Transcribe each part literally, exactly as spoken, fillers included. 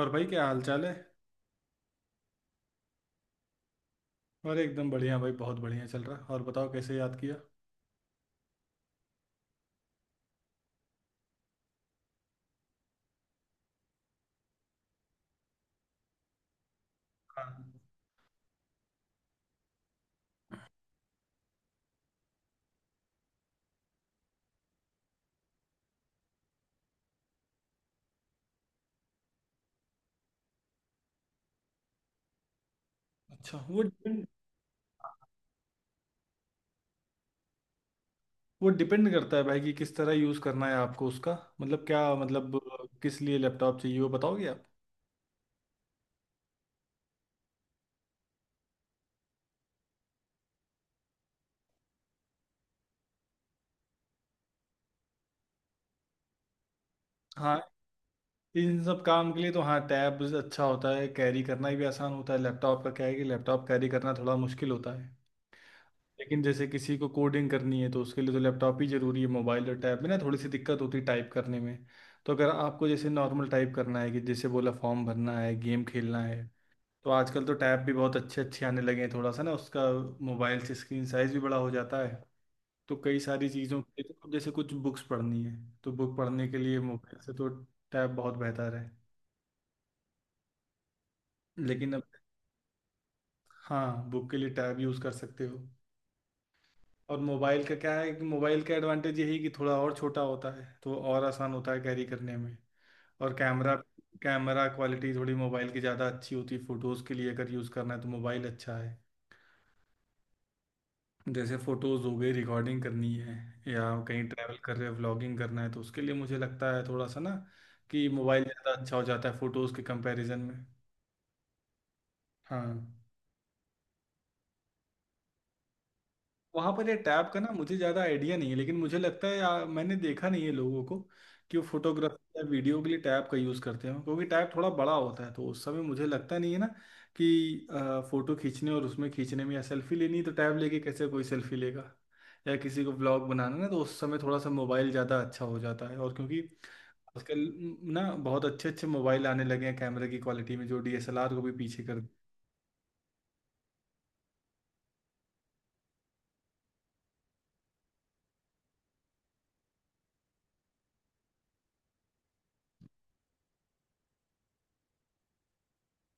और भाई क्या हाल चाल है। और एकदम बढ़िया भाई, बहुत बढ़िया चल रहा है। और बताओ कैसे याद किया। हाँ। अच्छा वो डिपेंड वो डिपेंड करता है भाई कि किस तरह यूज़ करना है आपको उसका। मतलब क्या मतलब किस लिए लैपटॉप चाहिए वो बताओगे आप। हाँ, इन सब काम के लिए तो हाँ, टैब अच्छा होता है, कैरी करना भी आसान होता है। लैपटॉप का क्या है कि लैपटॉप कैरी करना थोड़ा मुश्किल होता है। लेकिन जैसे किसी को कोडिंग करनी है तो उसके लिए तो लैपटॉप ही जरूरी है। मोबाइल और टैब में ना थोड़ी सी दिक्कत होती है टाइप करने में। तो अगर आपको जैसे नॉर्मल टाइप करना है कि जैसे बोला फॉर्म भरना है, गेम खेलना है, तो आजकल तो टैब भी बहुत अच्छे अच्छे आने लगे हैं। थोड़ा सा ना उसका मोबाइल से स्क्रीन साइज भी बड़ा हो जाता है। तो कई सारी चीज़ों के लिए, तो जैसे कुछ बुक्स पढ़नी है तो बुक पढ़ने के लिए मोबाइल से तो टैब बहुत बेहतर है। लेकिन अब हाँ बुक के लिए टैब यूज़ कर सकते हो। और मोबाइल का क्या है कि मोबाइल का एडवांटेज यही है कि थोड़ा और छोटा होता है तो और आसान होता है कैरी करने में। और कैमरा, कैमरा क्वालिटी थोड़ी मोबाइल की ज़्यादा अच्छी होती है। फ़ोटोज़ के लिए अगर यूज़ करना है तो मोबाइल अच्छा है। जैसे फ़ोटोज़ हो गई, रिकॉर्डिंग करनी है, या कहीं ट्रैवल कर रहे हैं, व्लॉगिंग करना है, तो उसके लिए मुझे लगता है थोड़ा सा ना कि मोबाइल ज़्यादा अच्छा हो जाता है फ़ोटोज़ के कंपैरिजन में। हाँ, वहां पर ये टैब का ना मुझे ज्यादा आइडिया नहीं है, लेकिन मुझे लगता है या, मैंने देखा नहीं है लोगों को कि वो फोटोग्राफी या वीडियो के लिए टैब का यूज करते हो, क्योंकि टैब थोड़ा बड़ा होता है, तो उस समय मुझे लगता नहीं है ना कि फोटो खींचने और उसमें खींचने में या सेल्फी लेनी है, तो टैब लेके कैसे कोई सेल्फी लेगा। या किसी को ब्लॉग बनाना ना तो उस समय थोड़ा सा मोबाइल ज्यादा अच्छा हो जाता है। और क्योंकि आजकल ना बहुत अच्छे अच्छे मोबाइल आने लगे हैं कैमरे की क्वालिटी में जो डीएसएलआर को भी पीछे कर।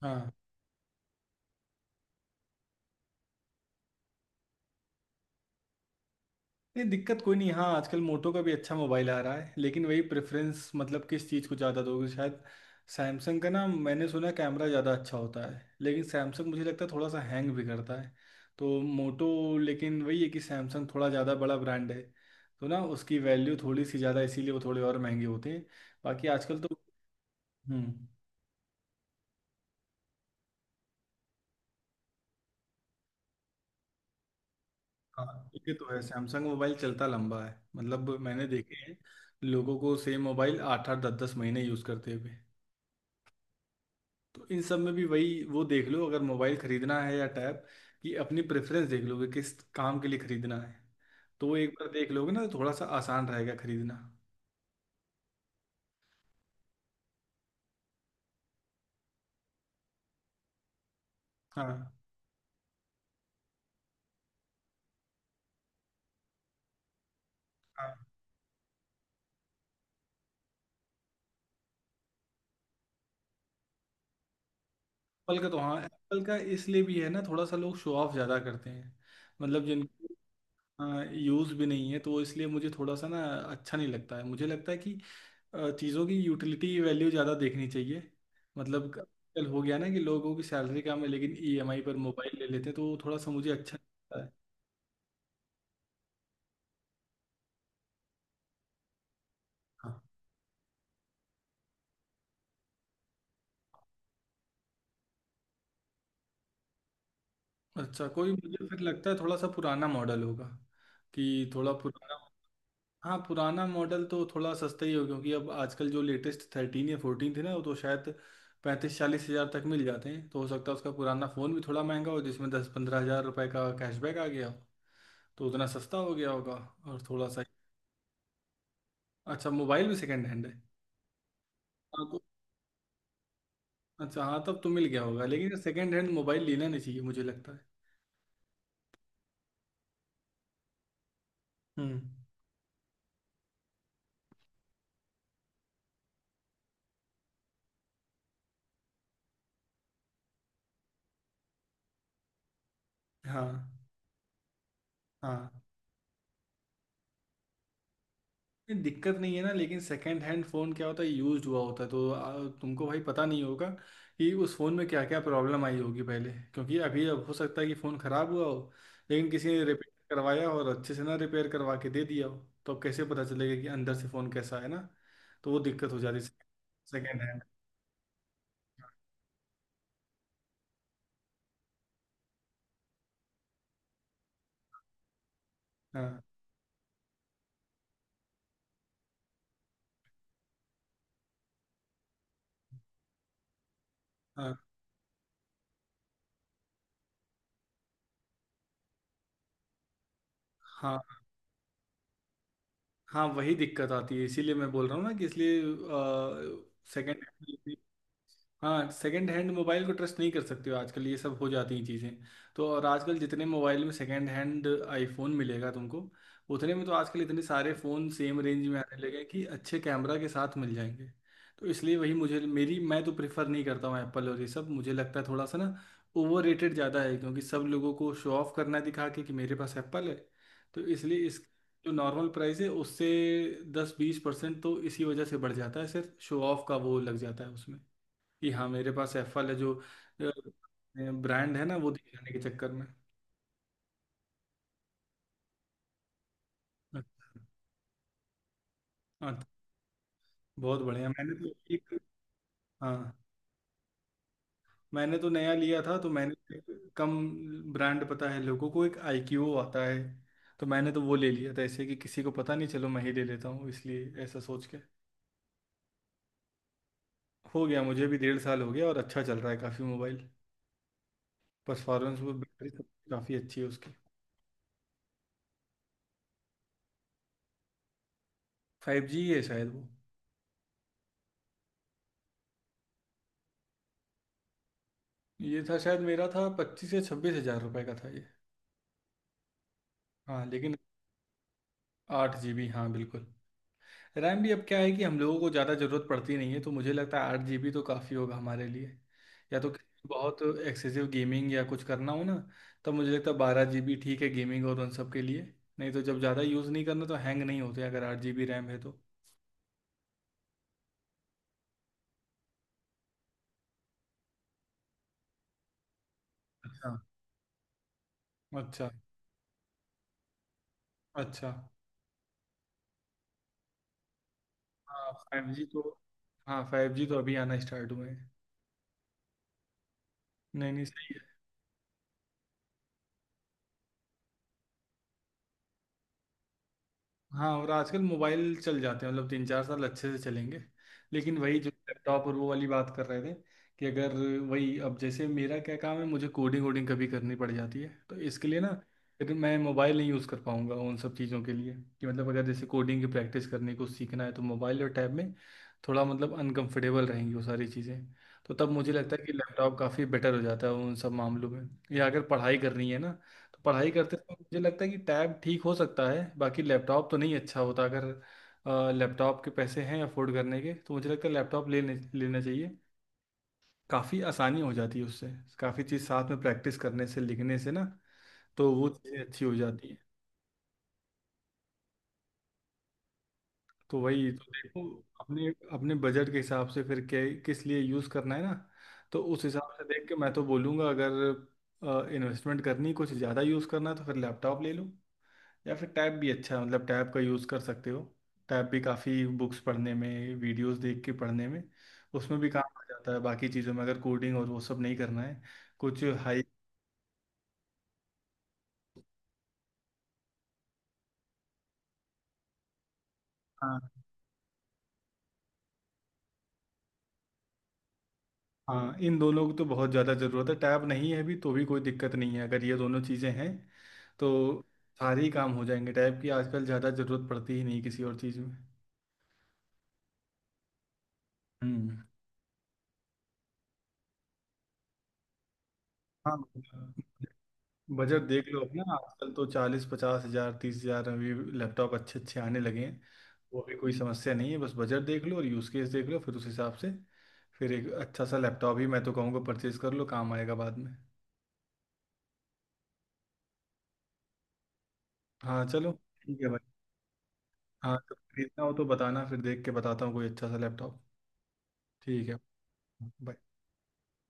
हाँ, नहीं दिक्कत कोई नहीं। हाँ आजकल मोटो का भी अच्छा मोबाइल आ रहा है, लेकिन वही प्रेफरेंस, मतलब किस चीज़ को ज़्यादा दोगे। शायद सैमसंग का ना, मैंने सुना कैमरा ज़्यादा अच्छा होता है, लेकिन सैमसंग मुझे लगता है थोड़ा सा हैंग भी करता है। तो मोटो, लेकिन वही है कि सैमसंग थोड़ा ज़्यादा बड़ा ब्रांड है, तो ना उसकी वैल्यू थोड़ी सी ज़्यादा, इसीलिए वो थोड़े और महंगे होते हैं। बाकी आजकल तो हम्म। हाँ ये तो है, सैमसंग मोबाइल चलता लंबा है। मतलब मैंने देखे हैं लोगों को सेम मोबाइल आठ आठ दस दस महीने यूज़ करते हुए। तो इन सब में भी वही वो देख लो, अगर मोबाइल खरीदना है या टैब, कि अपनी प्रेफरेंस देख लो कि किस काम के लिए खरीदना है। तो वो एक बार देख लोगे ना तो थोड़ा सा आसान रहेगा खरीदना। हाँ, हाँ, एप्पल का तो हाँ एप्पल का इसलिए भी है ना, थोड़ा सा लोग शो ऑफ ज़्यादा करते हैं। मतलब जिनको यूज़ भी नहीं है, तो वो इसलिए मुझे थोड़ा सा ना अच्छा नहीं लगता है। मुझे लगता है कि चीज़ों की यूटिलिटी वैल्यू ज़्यादा देखनी चाहिए। मतलब कल हो गया ना कि लोगों की सैलरी कम है लेकिन ईएमआई पर मोबाइल ले लेते हैं, तो वो थोड़ा सा मुझे अच्छा। हाँ, अच्छा कोई, मुझे फिर लगता है थोड़ा सा पुराना मॉडल होगा, कि थोड़ा पुराना। हाँ पुराना मॉडल तो थोड़ा सस्ता ही होगा, क्योंकि अब आजकल जो लेटेस्ट थर्टीन या फोर्टीन थे ना वो तो शायद पैंतीस चालीस हज़ार तक मिल जाते हैं। तो हो सकता है उसका पुराना फ़ोन भी थोड़ा महंगा हो जिसमें दस पंद्रह हज़ार रुपये का कैशबैक आ गया हो, तो उतना सस्ता हो गया होगा। और थोड़ा सा, अच्छा मोबाइल भी सेकेंड हैंड है। हाँ तो अच्छा, हाँ तब तो मिल गया होगा, लेकिन सेकेंड हैंड मोबाइल लेना नहीं चाहिए मुझे लगता है। हम्म। हाँ। हाँ नहीं, दिक्कत नहीं है ना, लेकिन सेकंड हैंड फ़ोन क्या होता है, यूज्ड हुआ होता है, तो आ, तुमको भाई पता नहीं होगा कि उस फ़ोन में क्या क्या प्रॉब्लम आई होगी पहले, क्योंकि अभी अब हो सकता है कि फ़ोन ख़राब हुआ हो, लेकिन किसी ने रिपेयर करवाया हो और अच्छे से ना रिपेयर करवा के दे दिया हो, तो अब कैसे पता चलेगा कि अंदर से फ़ोन कैसा है ना। तो वो दिक्कत हो जाती है सेकेंड हैंड। हाँ, हाँ, हाँ, हाँ वही दिक्कत आती है, इसीलिए मैं बोल रहा हूँ ना कि इसलिए सेकेंड। हाँ सेकंड हैंड मोबाइल को ट्रस्ट नहीं कर सकते हो, आजकल ये सब हो जाती हैं चीज़ें। तो और आजकल जितने मोबाइल में सेकंड हैंड आईफोन मिलेगा तुमको, उतने में तो आजकल इतने सारे फ़ोन सेम रेंज में आने लगे हैं कि अच्छे कैमरा के साथ मिल जाएंगे। तो इसलिए वही मुझे, मेरी मैं तो प्रेफर नहीं करता हूँ एप्पल, और ये सब मुझे लगता है थोड़ा सा ना ओवर रेटेड ज़्यादा है, क्योंकि सब लोगों को शो ऑफ करना है दिखा के कि मेरे पास एप्पल है। तो इसलिए इस जो नॉर्मल प्राइस है उससे दस बीस परसेंट तो इसी वजह से बढ़ जाता है, सिर्फ शो ऑफ का वो लग जाता है उसमें, कि हाँ मेरे पास एफएल है जो ब्रांड है ना वो दिखाने के चक्कर में। अच्छा। हाँ, बहुत बढ़िया। मैंने तो एक, हाँ मैंने तो नया लिया था तो मैंने कम ब्रांड, पता है लोगों को, एक आईक्यू आता है, तो मैंने तो वो ले लिया था ऐसे, कि किसी को पता नहीं, चलो मैं ही ले लेता हूँ, इसलिए ऐसा सोच के। हो गया, मुझे भी डेढ़ साल हो गया और अच्छा चल रहा है काफ़ी मोबाइल, परफॉर्मेंस वो बैटरी सब काफ़ी अच्छी है उसकी। फाइव जी है शायद वो। ये था शायद, मेरा था पच्चीस या छब्बीस हज़ार रुपये का था ये। हाँ लेकिन, आठ जीबी हाँ बिल्कुल। रैम भी अब क्या है कि हम लोगों को ज़्यादा ज़रूरत पड़ती नहीं है, तो मुझे लगता है आठ जीबी तो काफ़ी होगा हमारे लिए। या तो किसी को बहुत एक्सेसिव गेमिंग या कुछ करना हो ना, तब मुझे लगता है बारह जीबी ठीक है गेमिंग और उन सब के लिए। नहीं तो जब ज़्यादा यूज़ नहीं करना तो हैंग नहीं होते अगर आठ जीबी रैम है तो। अच्छा। अच्छा। अच्छा। हाँ फाइव जी तो हाँ फाइव जी तो अभी आना स्टार्ट हुए हैं। नहीं नहीं, सही। हाँ और आजकल मोबाइल चल जाते हैं, मतलब तीन चार साल अच्छे से चलेंगे। लेकिन वही जो लैपटॉप और वो वाली बात कर रहे थे कि अगर, वही अब जैसे मेरा क्या काम है, मुझे कोडिंग वोडिंग कभी करनी पड़ जाती है तो इसके लिए ना फिर मैं मोबाइल नहीं यूज़ कर पाऊंगा उन सब चीज़ों के लिए। कि मतलब अगर जैसे कोडिंग की प्रैक्टिस करने को सीखना है तो मोबाइल और टैब में थोड़ा मतलब अनकंफर्टेबल रहेंगी वो सारी चीज़ें। तो तब मुझे लगता है कि लैपटॉप काफ़ी बेटर हो जाता है उन सब मामलों में। या अगर पढ़ाई करनी है ना, तो पढ़ाई करते समय मुझे लगता है कि टैब ठीक हो सकता है। बाकी लैपटॉप तो नहीं अच्छा होता, अगर लैपटॉप के पैसे हैं अफोर्ड करने के तो मुझे लगता है लैपटॉप लेने लेना चाहिए। काफ़ी आसानी हो जाती है उससे, काफ़ी चीज़ साथ में प्रैक्टिस करने से, लिखने से ना, तो वो चीज़ें अच्छी हो जाती हैं। तो वही तो देखो, अपने अपने बजट के हिसाब से फिर के किस लिए यूज़ करना है ना। तो उस हिसाब से देख के मैं तो बोलूँगा अगर इन्वेस्टमेंट करनी, कुछ ज़्यादा यूज़ करना है तो फिर लैपटॉप ले लो, या फिर टैब भी अच्छा है, मतलब टैब का यूज़ कर सकते हो। टैब भी काफ़ी बुक्स पढ़ने में, वीडियोस देख के पढ़ने में उसमें भी काम आ जाता है, बाकी चीज़ों में अगर कोडिंग और वो सब नहीं करना है। कुछ हाई, हाँ। हाँ इन दोनों की तो बहुत ज़्यादा ज़रूरत है, टैब नहीं है भी तो भी कोई दिक्कत नहीं है अगर ये दोनों चीज़ें हैं, तो सारे ही काम हो जाएंगे। टैब की आजकल ज़्यादा ज़रूरत पड़ती ही नहीं किसी और चीज़ में। हम्म। हाँ बजट देख लो अपना, आजकल तो चालीस पचास हजार, तीस हजार में भी लैपटॉप अच्छे अच्छे आने लगे हैं। वो भी कोई समस्या नहीं है, बस बजट देख लो और यूज़ केस देख लो, फिर उस हिसाब से फिर एक अच्छा सा लैपटॉप ही मैं तो कहूँगा परचेज कर लो, काम आएगा बाद में। हाँ चलो ठीक है भाई। हाँ तो खरीदना हो तो बताना, फिर देख के बताता हूँ कोई अच्छा सा लैपटॉप। ठीक है। बाय।